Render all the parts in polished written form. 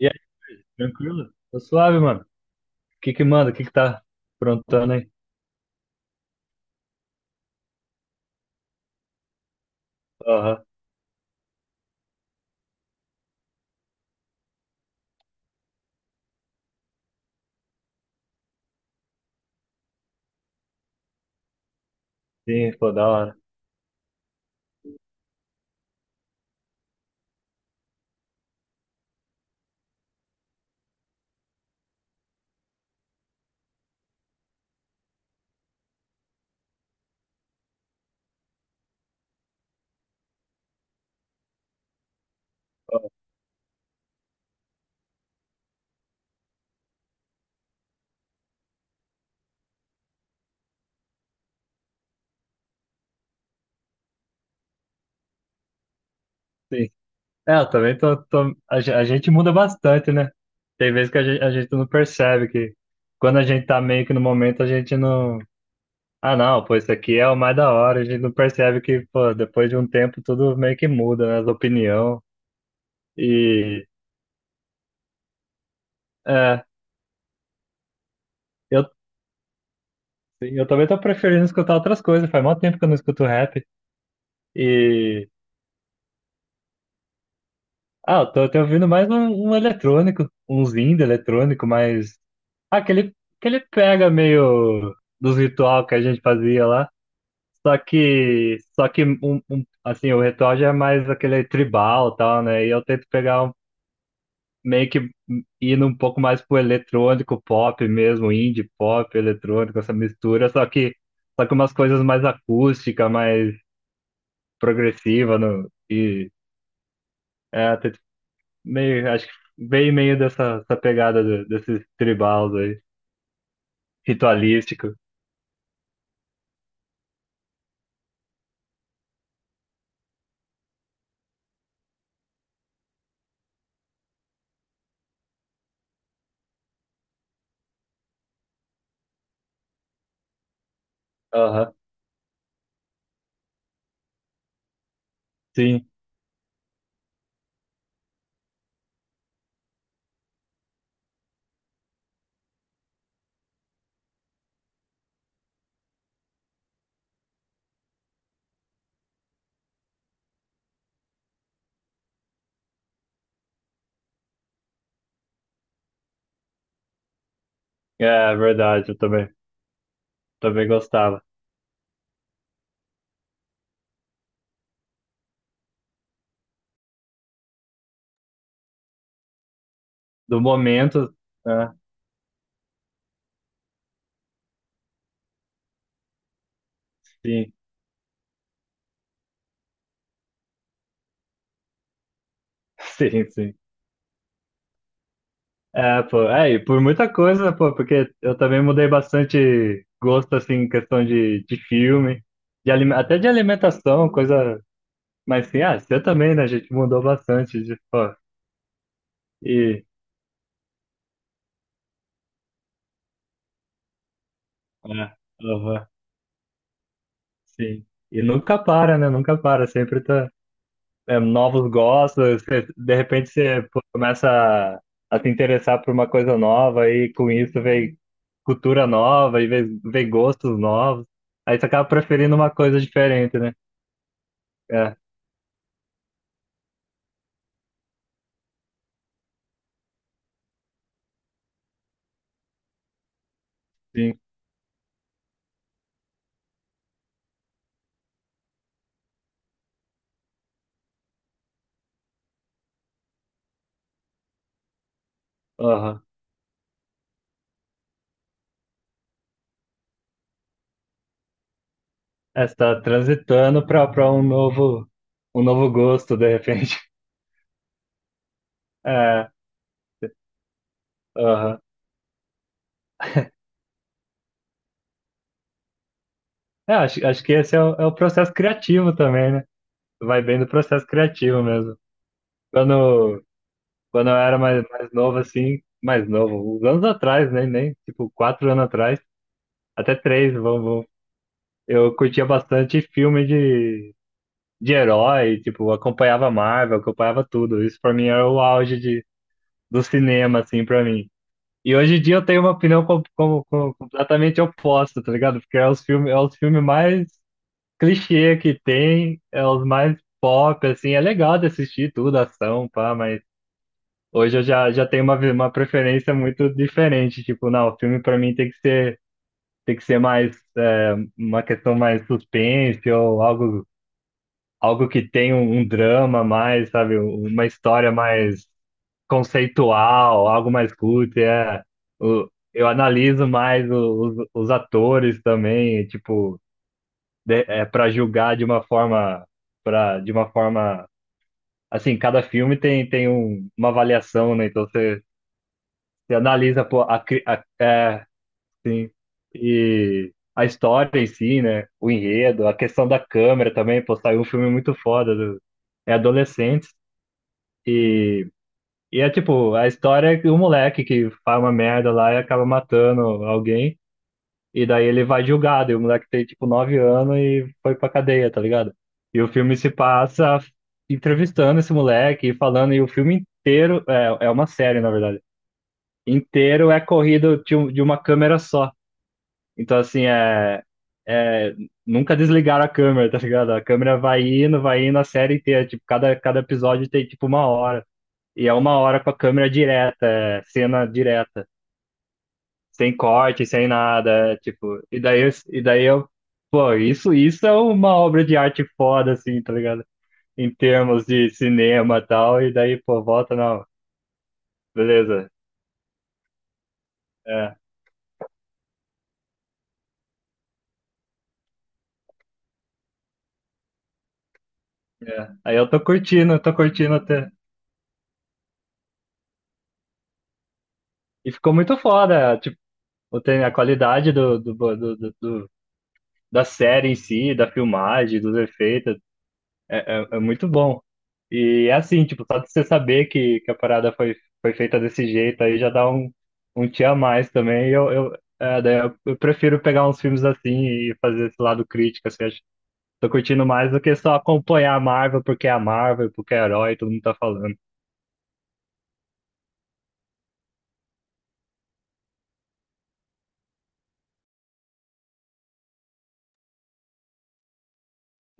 E aí, tranquilo? Tô suave, mano. O que que manda? O que que tá aprontando aí? Aham, sim, pô, da hora. Ó. Sim. É, eu também tô, a gente muda bastante, né? Tem vezes que a gente não percebe que quando a gente tá meio que no momento, a gente não. Ah, não, pô, isso aqui é o mais da hora. A gente não percebe que, pô, depois de um tempo tudo meio que muda, né? As opinião. E... É, eu, eu também tô preferindo escutar outras coisas. Faz mó tempo que eu não escuto rap. E... Ah, eu tô até ouvindo mais um eletrônico, uns indie eletrônico, mas. Ah, aquele pega meio dos ritual que a gente fazia lá. Só que, assim, o ritual já é mais aquele tribal e tal, né? E eu tento pegar um, meio que indo um pouco mais pro eletrônico pop mesmo, indie pop, eletrônico, essa mistura. Só que. Só que umas coisas mais acústica, mais progressiva no, e. É, meio, acho que bem meio dessa, dessa pegada do, desses tribals aí, ritualístico. Aham, sim, é verdade, eu também, gostava. Do momento, né? Sim. Sim, sim. É, pô, é, e por muita coisa, pô, porque eu também mudei bastante gosto, assim, em questão de filme, até de alimentação, coisa, mas sim, ah, você também, né, a gente mudou bastante, de, pô, e, é, aham, sim. E nunca para, né? Nunca para, sempre tá. É, novos gostos, de repente você pô, começa a se interessar por uma coisa nova e com isso vem cultura nova e vem, gostos novos. Aí você acaba preferindo uma coisa diferente, né? É, sim. Aham. É, você tá transitando para um novo gosto, de repente. É, aham. É, acho que esse é o processo criativo também, né? Vai bem do processo criativo mesmo. Quando Quando eu era mais, novo, assim, mais novo, uns anos atrás, né? Nem, tipo, 4 anos atrás, até 3, vamos. Eu curtia bastante filme de herói, tipo, acompanhava Marvel, acompanhava tudo. Isso pra mim era o auge de, do cinema, assim, pra mim. E hoje em dia eu tenho uma opinião completamente oposta, tá ligado? Porque é os filmes, mais clichê que tem, é os mais pop, assim, é legal de assistir tudo, ação, pá, mas. Hoje eu já, tenho uma preferência muito diferente. Tipo, não, o filme pra mim tem que ser, mais é, uma questão mais suspense ou algo que tenha um drama mais, sabe, um, uma história mais conceitual, algo mais cult. É. Eu analiso mais os atores também, tipo, de, é, para julgar de uma forma, para de uma forma, assim, cada filme tem um, uma avaliação, né? Então você analisa, pô, é, sim, e a história em si, né? O enredo, a questão da câmera também, pô, saiu um filme muito foda. É adolescentes e, e é tipo, a história é que o moleque que faz uma merda lá e acaba matando alguém, e daí ele vai julgado, e o moleque tem tipo 9 anos e foi pra cadeia, tá ligado? E o filme se passa entrevistando esse moleque e falando, e o filme inteiro é uma série, na verdade inteiro é corrido de uma câmera só. Então, assim, é, é. Nunca desligaram a câmera, tá ligado? A câmera vai indo a série inteira. Tipo, cada episódio tem, tipo, uma hora. E é uma hora com a câmera direta, é, cena direta. Sem corte, sem nada. É, tipo, e daí eu. Pô, isso é uma obra de arte foda, assim, tá ligado? Em termos de cinema e tal. E daí, pô, volta, não. Beleza. É, é. Aí eu tô curtindo, até. E ficou muito foda, tipo, tem a qualidade da série em si, da filmagem, dos efeitos, é muito bom. E é assim, tipo, só de você saber que, a parada foi feita desse jeito aí já dá um tchan a mais também. E é, daí eu prefiro pegar uns filmes assim e fazer esse lado crítico, assim, acho, tô curtindo mais do que só acompanhar a Marvel porque é a Marvel, porque é herói, todo mundo tá falando.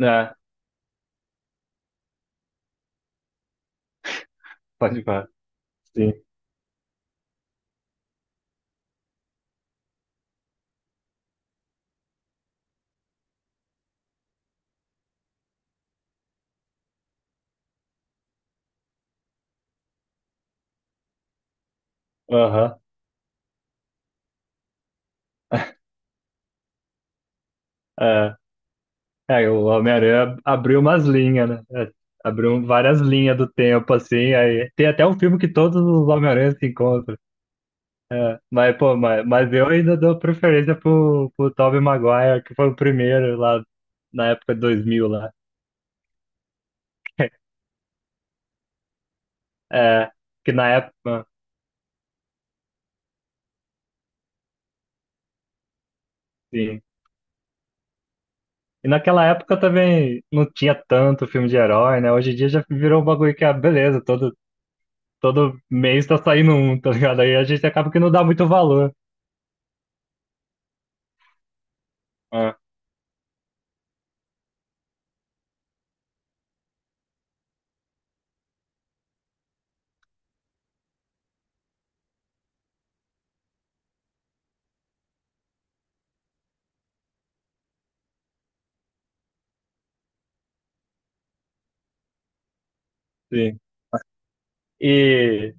É, pode falar. Sim. Aham. É. É, o Homem-Aranha abriu umas linhas, né? É, abriu várias linhas do tempo, assim. Aí tem até um filme que todos os Homem-Aranha se encontram. É, mas, pô, mas eu ainda dou preferência pro, Tobey Maguire, que foi o primeiro lá na época de 2000 lá. É, que na época, sim. E naquela época também não tinha tanto filme de herói, né? Hoje em dia já virou um bagulho que é beleza, todo mês tá saindo um, tá ligado? Aí a gente acaba que não dá muito valor. Ah, sim. E,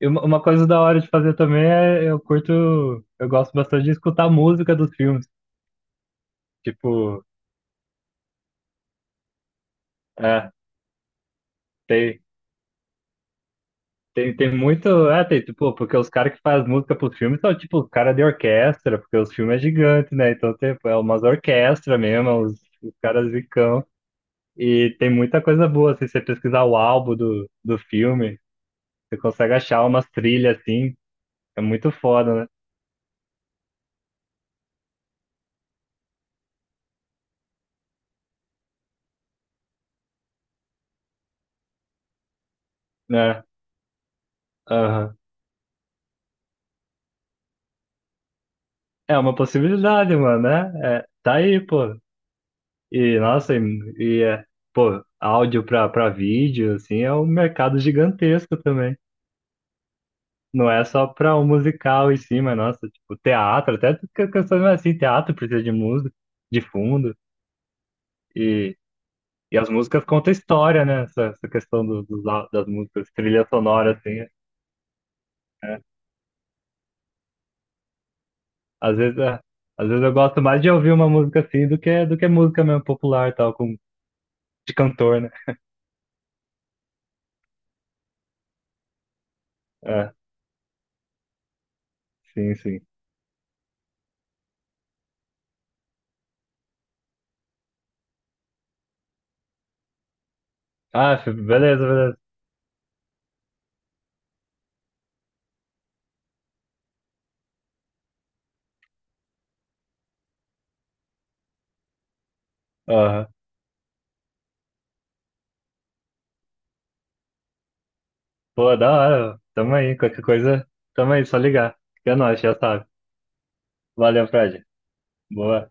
E uma coisa da hora de fazer também é eu gosto bastante de escutar a música dos filmes. Tipo, é, tem, tem, tem, muito. É, tem, tipo, porque os caras que fazem música pros filmes são tipo os caras de orquestra, porque os filmes é gigante, né? Então tem é umas orquestras mesmo, os, caras zicão. E tem muita coisa boa, assim, se você pesquisar o álbum do filme, você consegue achar umas trilhas assim, é muito foda, né? É, aham. É uma possibilidade, mano, né? É, tá aí, pô. E, nossa, e, é, pô, áudio pra vídeo, assim, é um mercado gigantesco também. Não é só pra o musical em si, mas, nossa, tipo, teatro, até questões mais assim, teatro precisa de música, de fundo, e, e, as músicas contam história, né? Essa questão das músicas, trilha sonora, assim. Às vezes, é, às vezes eu gosto mais de ouvir uma música assim do que música mesmo popular, tal, com, de cantor, né? É, sim, sim. Ah, beleza, beleza. Aham. Pô, da hora. Tamo aí. Qualquer coisa, tamo aí. Só ligar. Que é nóis, já sabe. Valeu, Fred. Boa.